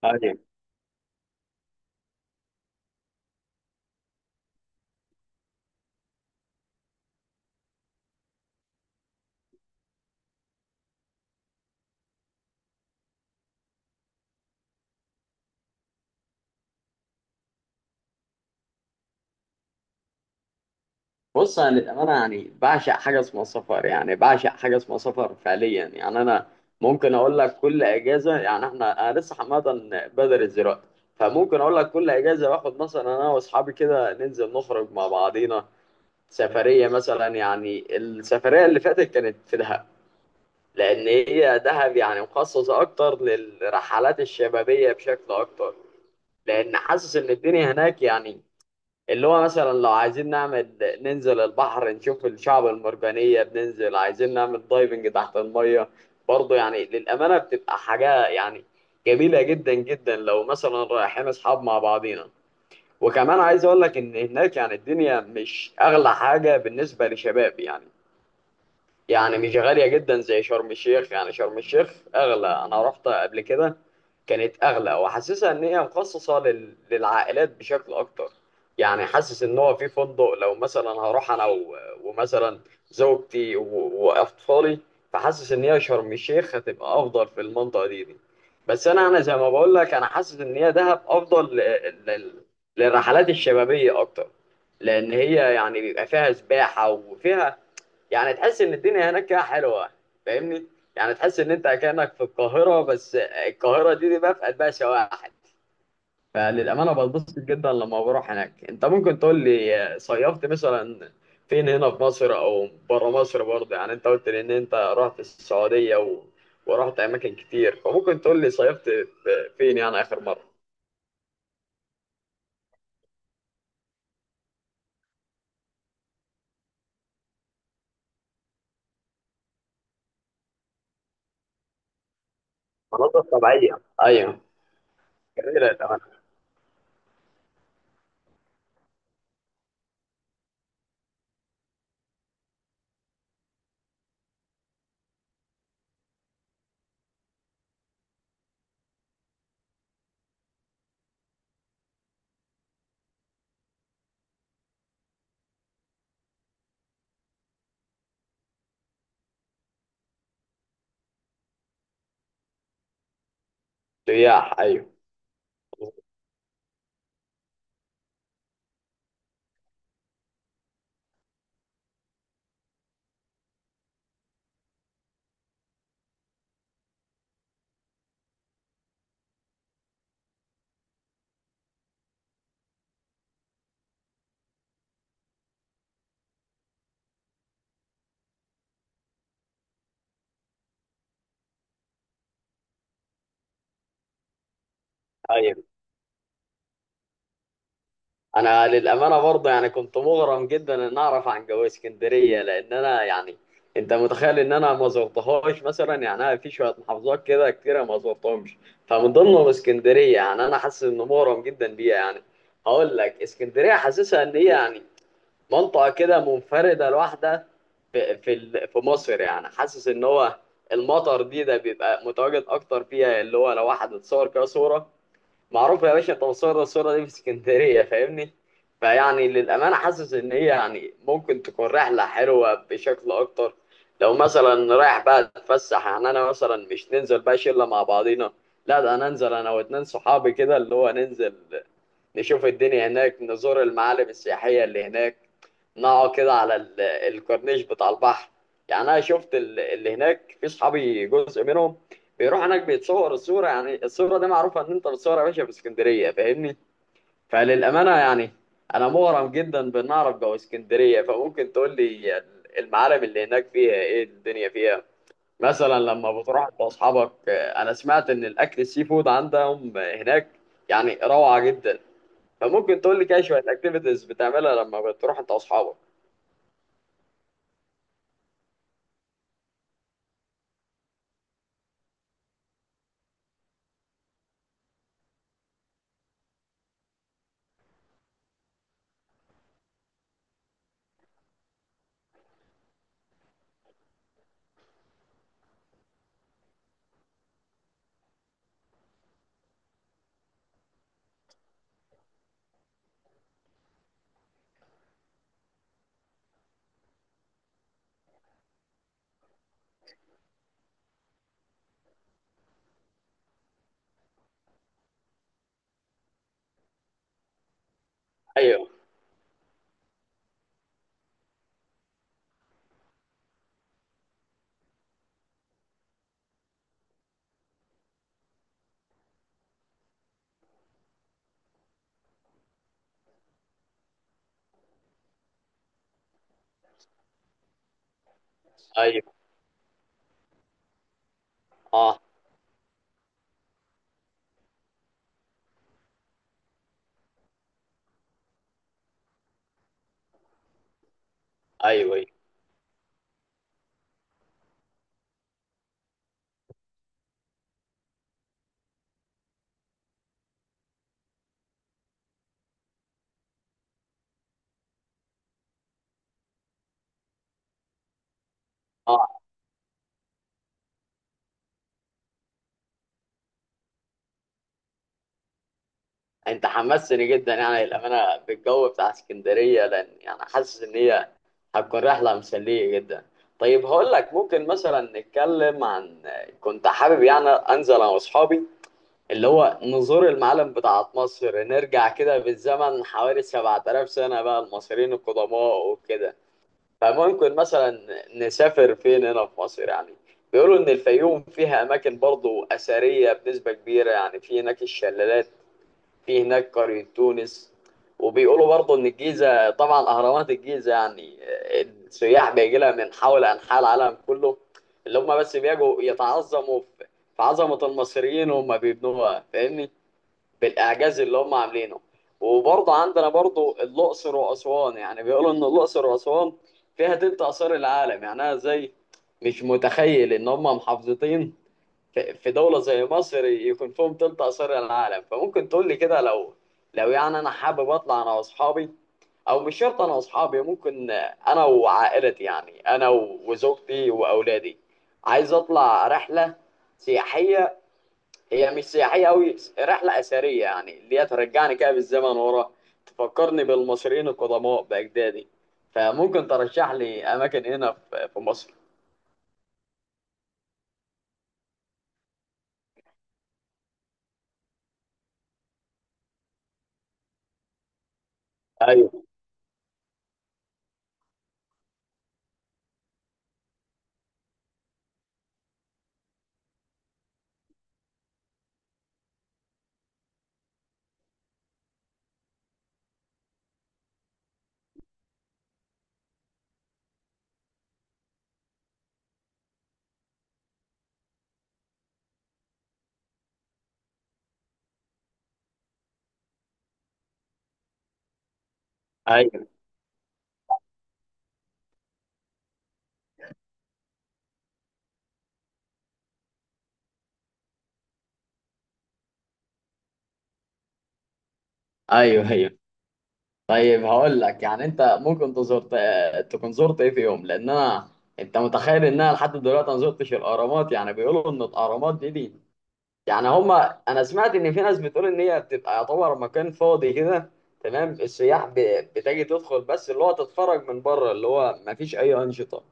طيب، بص انا للامانه يعني بعشق حاجه اسمها سفر، يعني بعشق حاجه اسمها سفر فعليا. يعني انا ممكن اقول لك كل اجازه، يعني انا لسه حمادا بدرس دلوقتي. فممكن اقول لك كل اجازه باخد مثلا انا واصحابي كده ننزل نخرج مع بعضينا سفريه مثلا. يعني السفريه اللي فاتت كانت في دهب، لان هي دهب يعني مخصصه اكتر للرحلات الشبابيه بشكل اكتر. لان حاسس ان الدنيا هناك يعني، اللي هو مثلا لو عايزين نعمل، ننزل البحر نشوف الشعب المرجانية، بننزل عايزين نعمل دايفنج تحت المية. برضه يعني للأمانة بتبقى حاجة يعني جميلة جدا جدا لو مثلا رايحين أصحاب مع بعضينا. وكمان عايز أقول لك إن هناك يعني الدنيا مش أغلى حاجة بالنسبة لشباب، يعني يعني مش غالية جدا زي شرم الشيخ. يعني شرم الشيخ أغلى، أنا رحت قبل كده كانت أغلى، وحاسسها إن هي مخصصة للعائلات بشكل أكتر. يعني حاسس إن هو في فندق لو مثلا هروح أنا ومثلا زوجتي وأطفالي. فحاسس إن هي شرم الشيخ هتبقى أفضل في المنطقة دي. بس أنا زي ما بقول لك أنا حاسس إن هي دهب أفضل لل... للرحلات الشبابية أكتر. لأن هي يعني بيبقى فيها سباحة وفيها، يعني تحس ان الدنيا هناك كده حلوه، فاهمني؟ يعني تحس ان انت كانك في القاهره، بس القاهره دي بقى في قلبها شواحن. فللامانه بتبسط جدا لما بروح هناك. انت ممكن تقول لي صيفت مثلا فين؟ هنا في مصر او بره مصر؟ برضه يعني انت قلت لي ان انت رحت السعوديه ورحت اماكن كتير. فممكن تقول لي صيفت فين يعني اخر مره؟ مناطق طبيعيه، ايوه. جميله، تمام. سياح، ايوه. ايوه. انا للامانه برضه يعني كنت مغرم جدا ان اعرف عن جو اسكندريه، لان انا يعني انت متخيل ان انا ما زرتهاش مثلا؟ يعني انا في شويه محافظات كده كتيره ما زرتهمش، فمن ضمنهم اسكندريه. يعني انا حاسس انه مغرم جدا بيها يعني. هقول لك، اسكندريه حاسسها ان هي يعني منطقه كده منفرده لوحدها في مصر. يعني حاسس ان هو المطر ده بيبقى متواجد اكتر فيها، اللي هو لو واحد اتصور كده صوره، معروف يا باشا توصيل الصورة دي في اسكندرية، فاهمني؟ فيعني للأمانة حاسس إن هي يعني ممكن تكون رحلة حلوة بشكل أكتر لو مثلا رايح بقى أتفسح. يعني أنا مثلا مش ننزل بقى شلة مع بعضينا، لا، ده أنا أنزل أنا واتنين صحابي كده، اللي هو ننزل نشوف الدنيا هناك، نزور المعالم السياحية اللي هناك، نقعد كده على الكورنيش بتاع البحر. يعني أنا شفت اللي هناك في صحابي جزء منهم بيروح هناك بيتصور الصورة. يعني الصورة دي معروفة إن أنت بتصور يا باشا في اسكندرية، فاهمني؟ فللأمانة يعني أنا مغرم جدا بإن أعرف جو اسكندرية. فممكن تقول لي المعالم اللي هناك فيها إيه؟ الدنيا فيها؟ مثلا لما بتروح بأصحابك. أنا سمعت إن الأكل السي فود عندهم هناك يعني روعة جدا. فممكن تقول لي كده شوية أكتيفيتيز بتعملها لما بتروح أنت وأصحابك. أيوه، أيوه. أه. أيوه، أيوه. آه. انت حمستني جدا يعني الامانه بالجو بتاع اسكندريه، لان يعني حاسس ان هي هتكون رحله مسليه جدا. طيب هقول لك، ممكن مثلا نتكلم عن، كنت حابب يعني انزل انا واصحابي اللي هو نزور المعالم بتاعت مصر، نرجع كده بالزمن حوالي 7000 سنه بقى المصريين القدماء وكده. فممكن مثلا نسافر فين هنا في مصر يعني؟ بيقولوا ان الفيوم فيها اماكن برضو اثريه بنسبه كبيره، يعني في هناك الشلالات، في هناك قرية تونس. وبيقولوا برضه إن الجيزة طبعا أهرامات الجيزة يعني، السياح بيجي لها من حول أنحاء العالم كله، اللي هم بس بيجوا يتعظموا في عظمة المصريين وهم بيبنوها، فاهمني؟ بالإعجاز اللي هم عاملينه. وبرضه عندنا برضه الأقصر وأسوان، يعني بيقولوا إن الأقصر وأسوان فيها تلت آثار العالم. يعني أنا زي، مش متخيل إن هم محافظتين في دولة زي مصر يكون فيهم تلت آثار العالم. فممكن تقول لي كده، لو يعني أنا حابب أطلع أنا وأصحابي، أو مش شرط أنا وأصحابي، ممكن أنا وعائلتي، يعني أنا وزوجتي وأولادي، عايز أطلع رحلة سياحية. هي مش سياحية أوي، رحلة أثرية، يعني اللي هي ترجعني كده بالزمن ورا، تفكرني بالمصريين القدماء بأجدادي. فممكن ترشح لي أماكن هنا في مصر؟ أيوه، أيوه. أيوه، أيوه. طيب هقول لك، يعني انت ممكن تزورت تكون زرت ايه في يوم؟ لان انا، انت متخيل ان انا لحد دلوقتي ما زرتش الاهرامات؟ يعني بيقولوا ان الاهرامات دي يعني هما، انا سمعت ان في ناس بتقول ان هي بتبقى يعتبر مكان فاضي كده، تمام، السياح بتجي تدخل بس، اللي هو تتفرج من بره، اللي هو ما فيش اي انشطه.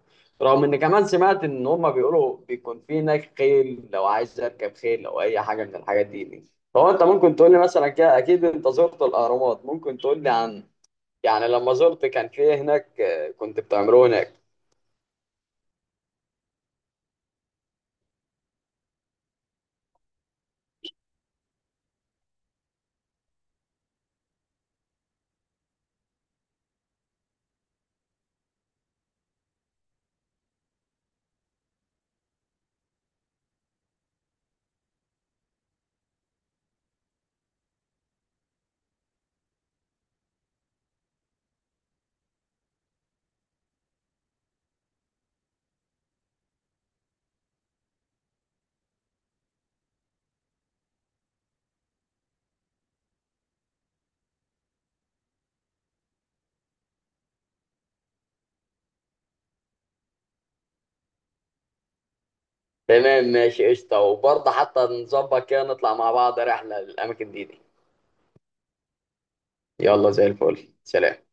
رغم ان كمان سمعت ان هما بيقولوا بيكون في هناك خيل لو عايز اركب خيل او اي حاجه من الحاجات دي. فهو انت ممكن تقول لي مثلا كده، اكيد انت زرت الاهرامات، ممكن تقول لي عن، يعني لما زرت كان في هناك كنت بتعملوه هناك؟ تمام، ماشي، قشطة. وبرضه حتى نظبط كده نطلع مع بعض رحلة للأماكن دي. يلا، زي الفل، سلام.